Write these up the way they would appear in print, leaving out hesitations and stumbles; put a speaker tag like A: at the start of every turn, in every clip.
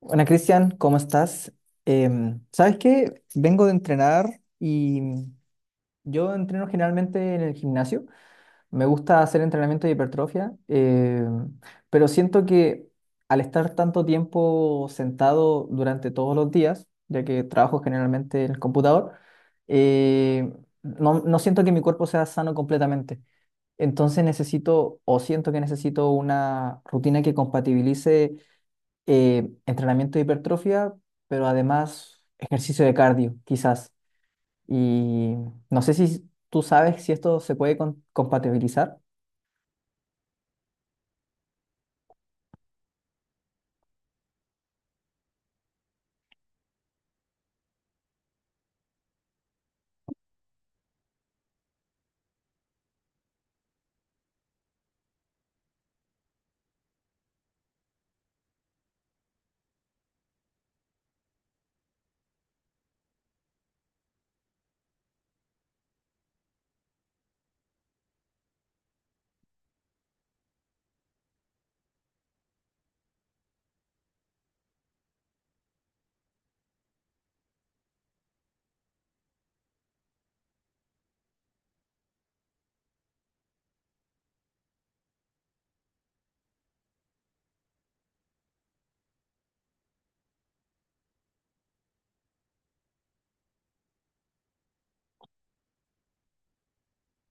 A: Hola Cristian, ¿cómo estás? ¿Sabes qué? Vengo de entrenar y yo entreno generalmente en el gimnasio. Me gusta hacer entrenamiento de hipertrofia, pero siento que al estar tanto tiempo sentado durante todos los días, ya que trabajo generalmente en el computador, eh, no siento que mi cuerpo sea sano completamente. Entonces necesito o siento que necesito una rutina que compatibilice entrenamiento de hipertrofia, pero además ejercicio de cardio, quizás. Y no sé si tú sabes si esto se puede compatibilizar.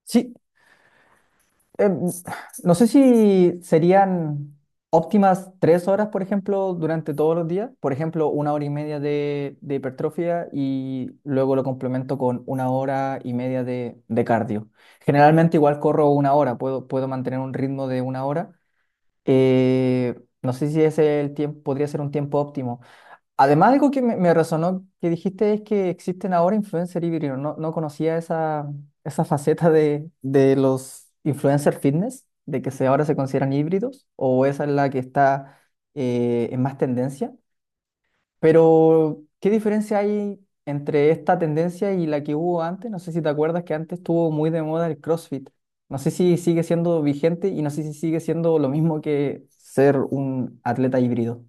A: Sí, em, no sé si serían óptimas 3 horas, por ejemplo, durante todos los días. Por ejemplo, una hora y media de hipertrofia y luego lo complemento con una hora y media de cardio. Generalmente igual corro una hora, puedo mantener un ritmo de una hora. Eh, no sé si ese es el tiempo, podría ser un tiempo óptimo. Además, algo que me resonó que dijiste es que existen ahora influencers híbridos. No, no conocía esa faceta de los influencers fitness, de que ahora se consideran híbridos, o esa es la que está en más tendencia. Pero, ¿qué diferencia hay entre esta tendencia y la que hubo antes? No sé si te acuerdas que antes estuvo muy de moda el CrossFit. No sé si sigue siendo vigente y no sé si sigue siendo lo mismo que ser un atleta híbrido.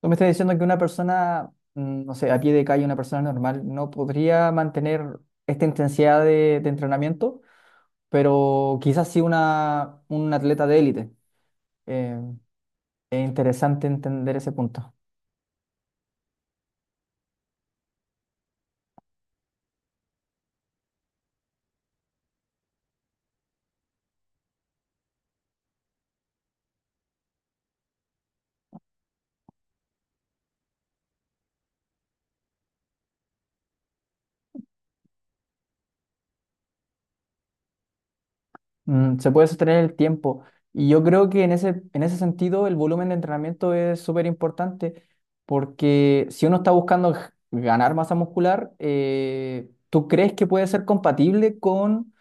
A: Tú me estás diciendo que una persona, no sé, a pie de calle, una persona normal, no podría mantener esta intensidad de entrenamiento, pero quizás sí un atleta de élite. Eh, es interesante entender ese punto. Se puede sostener el tiempo. Y yo creo que en ese sentido el volumen de entrenamiento es súper importante porque si uno está buscando ganar masa muscular, ¿tú crees que puede ser compatible con,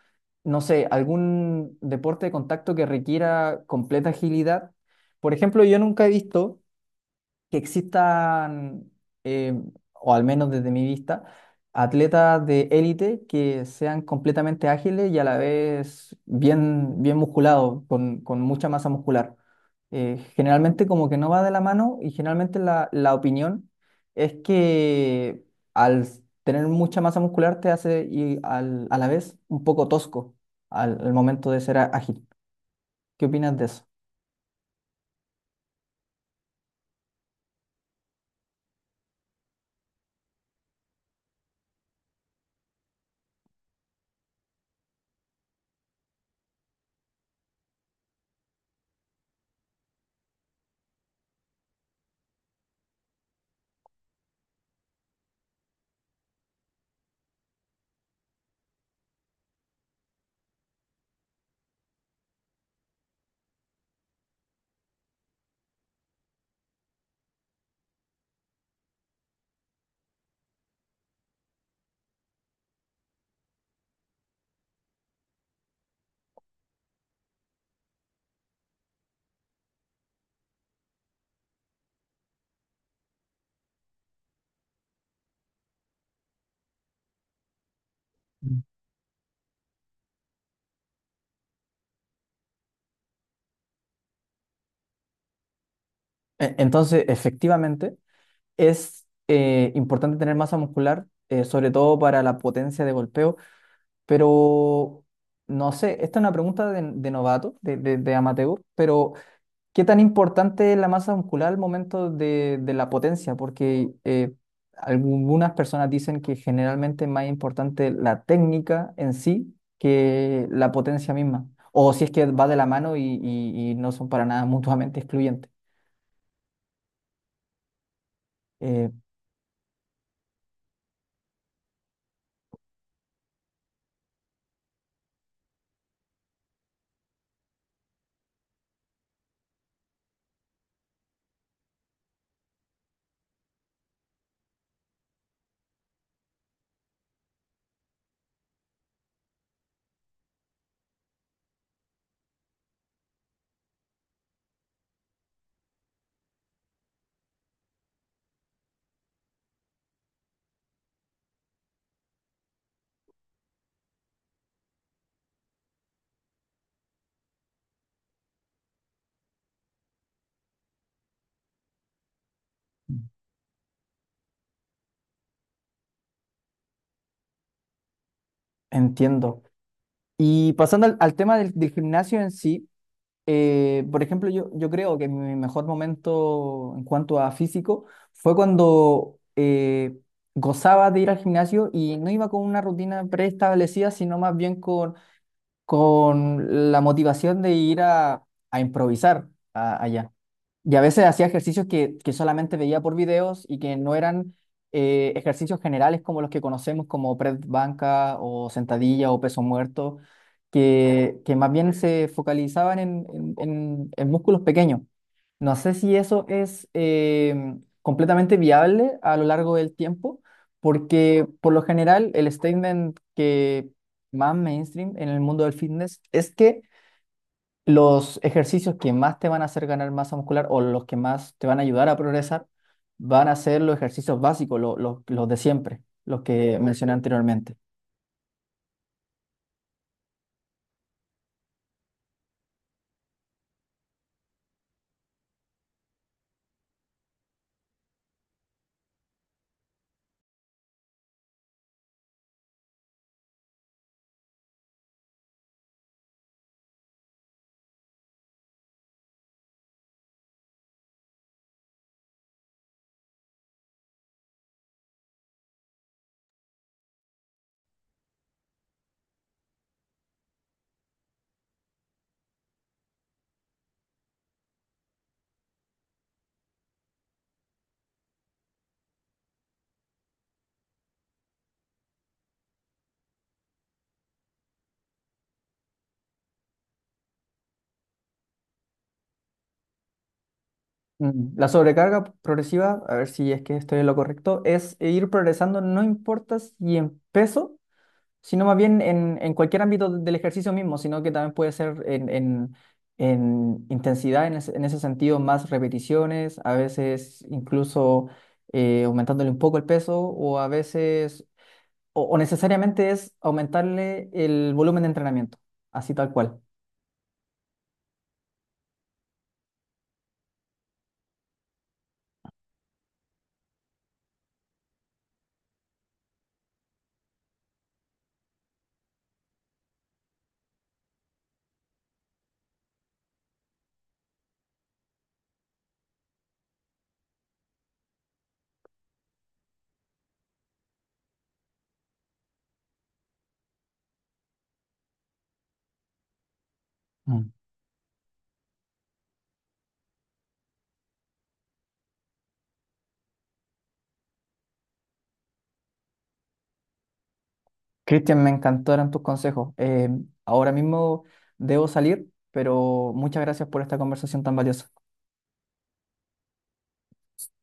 A: no sé, algún deporte de contacto que requiera completa agilidad? Por ejemplo, yo nunca he visto que existan, eh, o al menos desde mi vista, atletas de élite que sean completamente ágiles y a la vez bien, bien musculados, con mucha masa muscular. Generalmente como que no va de la mano y generalmente la opinión es que tener mucha masa muscular te hace y a la vez un poco tosco al momento de ser ágil. ¿Qué opinas de eso? Mm. Entonces, efectivamente, es importante tener masa muscular, sobre todo para la potencia de golpeo, pero no sé, esta es una pregunta de novato, de amateur, pero ¿qué tan importante es la masa muscular al momento de la potencia? Porque algunas personas dicen que generalmente es más importante la técnica en sí que la potencia misma, o si es que va de la mano y no son para nada mutuamente excluyentes. Eh, Entiendo. Y pasando al tema del gimnasio en sí, por ejemplo, yo creo que mi mejor momento en cuanto a físico fue cuando gozaba de ir al gimnasio y no iba con una rutina preestablecida, sino más bien con la motivación de ir a improvisar allá. Y a veces hacía ejercicios que solamente veía por videos y que no eran ejercicios generales como los que conocemos, como press banca o sentadilla o peso muerto, que más bien se focalizaban en músculos pequeños. No sé si eso es completamente viable a lo largo del tiempo, porque por lo general el statement que más mainstream en el mundo del fitness es que los ejercicios que más te van a hacer ganar masa muscular o los que más te van a ayudar a progresar van a ser los ejercicios básicos, los de siempre, los que mencioné anteriormente. La sobrecarga progresiva, a ver si es que estoy en lo correcto, es ir progresando, no importa si en peso sino más bien en cualquier ámbito del ejercicio mismo, sino que también puede ser en intensidad, en ese sentido, más repeticiones, a veces incluso aumentándole un poco el peso o a veces, o necesariamente es aumentarle el volumen de entrenamiento, así tal cual. Mm. Cristian, me encantaron tus consejos. Ahora mismo debo salir, pero muchas gracias por esta conversación tan valiosa.